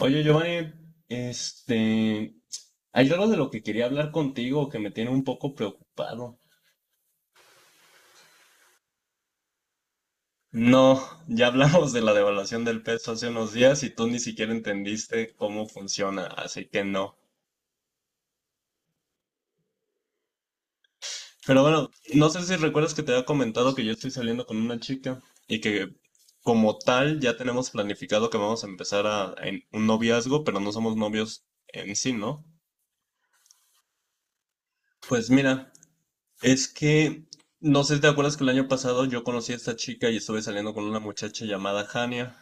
Oye, Giovanni, este, hay algo de lo que quería hablar contigo que me tiene un poco preocupado. No, ya hablamos de la devaluación del peso hace unos días y tú ni siquiera entendiste cómo funciona, así que no. Pero bueno, no sé si recuerdas que te había comentado que yo estoy saliendo con una chica y que como tal ya tenemos planificado que vamos a empezar a, en un noviazgo, pero no somos novios en sí, ¿no? Pues mira. Es que, no sé si te acuerdas que el año pasado yo conocí a esta chica y estuve saliendo con una muchacha llamada Hania.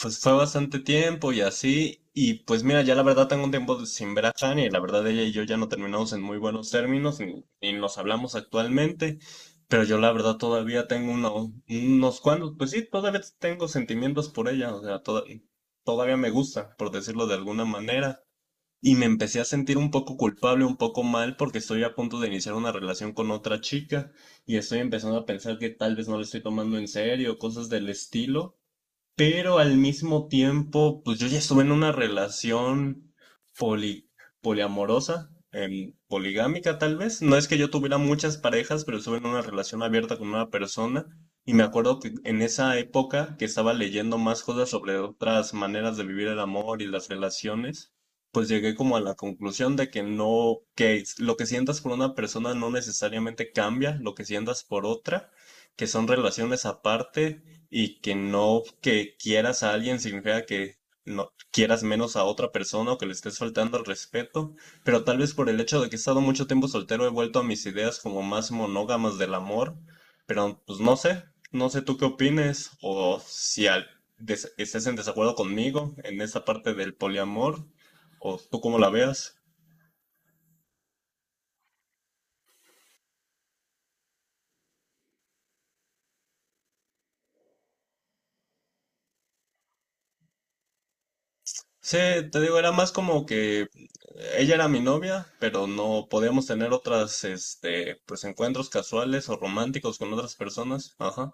Pues fue bastante tiempo y así. Y pues mira, ya la verdad tengo un tiempo sin ver a Hania y la verdad ella y yo ya no terminamos en muy buenos términos ni nos hablamos actualmente. Pero yo la verdad todavía tengo unos cuantos, pues sí, todavía tengo sentimientos por ella. O sea, todavía me gusta, por decirlo de alguna manera. Y me empecé a sentir un poco culpable, un poco mal, porque estoy a punto de iniciar una relación con otra chica y estoy empezando a pensar que tal vez no le estoy tomando en serio, cosas del estilo. Pero al mismo tiempo, pues yo ya estuve en una relación poli- poliamorosa, poligámica tal vez. No es que yo tuviera muchas parejas, pero estuve en una relación abierta con una persona. Y me acuerdo que en esa época que estaba leyendo más cosas sobre otras maneras de vivir el amor y las relaciones, pues llegué como a la conclusión de que no, lo que sientas por una persona no necesariamente cambia lo que sientas por otra, que son relaciones aparte y que no que quieras a alguien significa que no quieras menos a otra persona o que le estés faltando al respeto, pero tal vez por el hecho de que he estado mucho tiempo soltero he vuelto a mis ideas como más monógamas del amor, pero pues no sé, no sé tú qué opines o si al- des- estés en desacuerdo conmigo en esa parte del poliamor o tú cómo la veas. Sí, te digo, era más como que ella era mi novia, pero no podíamos tener otras, pues encuentros casuales o románticos con otras personas. Ajá.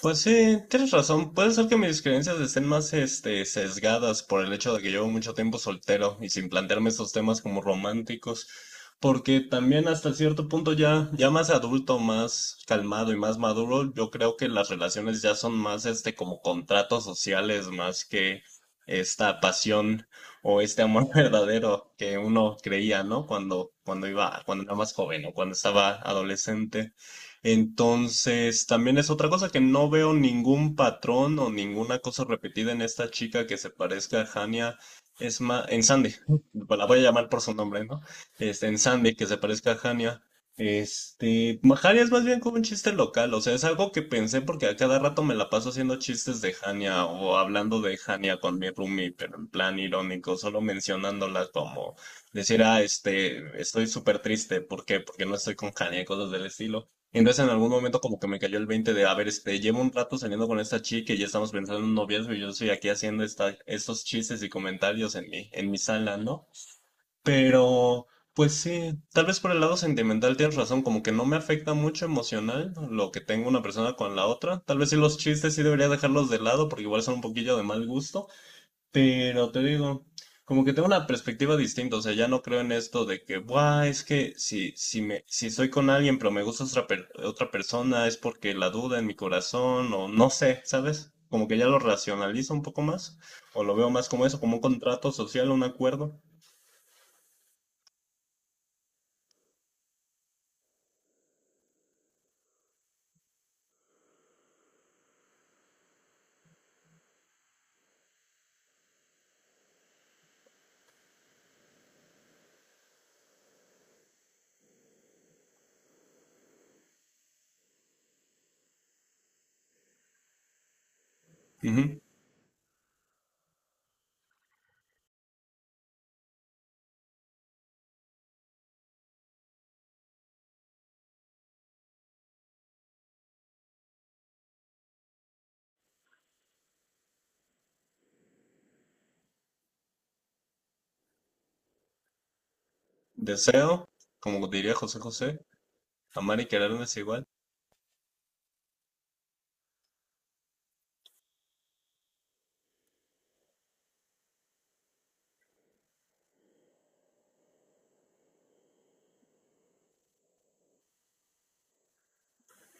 Pues sí, tienes razón. Puede ser que mis creencias estén más, sesgadas por el hecho de que llevo mucho tiempo soltero y sin plantearme estos temas como románticos, porque también hasta cierto punto ya más adulto, más calmado y más maduro, yo creo que las relaciones ya son más, como contratos sociales, más que esta pasión o este amor verdadero que uno creía, ¿no? Cuando era más joven o cuando estaba adolescente. Entonces, también es otra cosa que no veo ningún patrón o ninguna cosa repetida en esta chica que se parezca a Hania. Es más, en Sandy, pues la voy a llamar por su nombre, ¿no? En Sandy, que se parezca a Hania. Hania es más bien como un chiste local, o sea, es algo que pensé porque a cada rato me la paso haciendo chistes de Hania o hablando de Hania con mi roomie, pero en plan irónico, solo mencionándola como decir, ah, estoy súper triste, ¿por qué? Porque no estoy con Hania, y cosas del estilo. Entonces en algún momento como que me cayó el 20 de, a ver, llevo un rato saliendo con esta chica y ya estamos pensando en un noviazgo y yo estoy aquí haciendo estos chistes y comentarios en en mi sala, ¿no? Pero, pues sí, tal vez por el lado sentimental tienes razón, como que no me afecta mucho emocional lo que tengo una persona con la otra. Tal vez sí los chistes sí debería dejarlos de lado porque igual son un poquillo de mal gusto, pero te digo, como que tengo una perspectiva distinta, o sea, ya no creo en esto de que, buah, es que si estoy con alguien pero me gusta otra persona es porque la duda en mi corazón o no sé, ¿sabes? Como que ya lo racionalizo un poco más, o lo veo más como eso, como un contrato social, un acuerdo. Ujú. Deseo, como diría José José, amar y querer no es igual.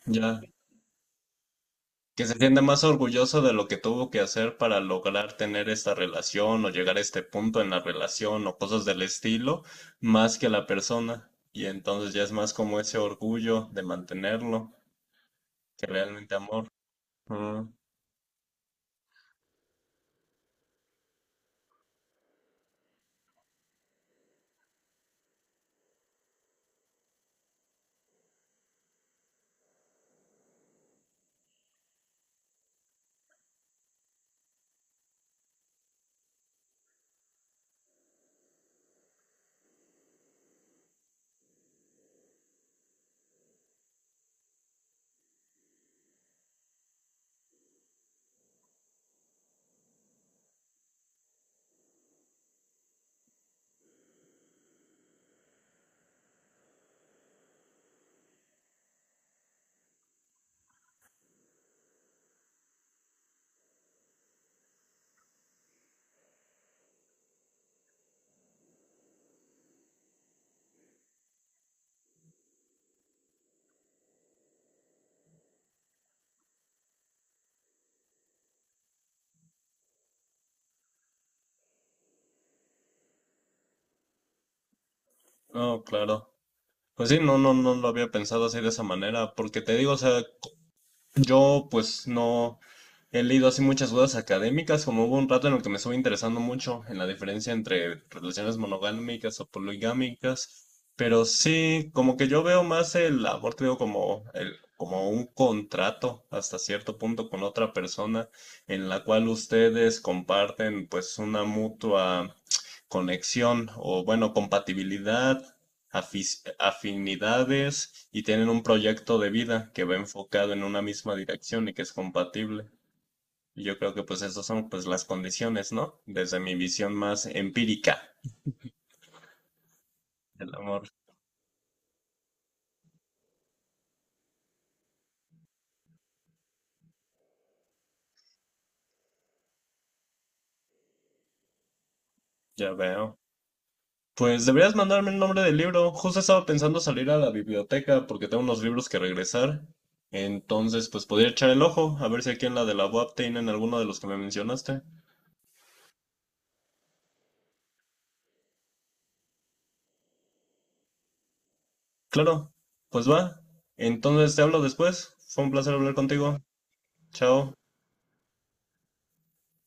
Ya que se sienta más orgulloso de lo que tuvo que hacer para lograr tener esta relación o llegar a este punto en la relación o cosas del estilo, más que la persona. Y entonces ya es más como ese orgullo de mantenerlo que realmente amor. Mm. Oh, claro. Pues sí, no, no, no lo había pensado así de esa manera, porque te digo, o sea, yo pues no he leído así muchas dudas académicas, como hubo un rato en el que me estuve interesando mucho en la diferencia entre relaciones monogámicas o poligámicas, pero sí, como que yo veo más el amor, creo, como un contrato hasta cierto punto con otra persona en la cual ustedes comparten pues una mutua conexión o bueno, compatibilidad, afinidades y tienen un proyecto de vida que va enfocado en una misma dirección y que es compatible. Y yo creo que pues esas son pues las condiciones, ¿no? Desde mi visión más empírica del amor, ya veo. Pues deberías mandarme el nombre del libro. Justo estaba pensando salir a la biblioteca porque tengo unos libros que regresar. Entonces, pues podría echar el ojo a ver si aquí en la de la UAP tienen alguno de los que me mencionaste. Claro, pues va. Entonces te hablo después. Fue un placer hablar contigo. Chao.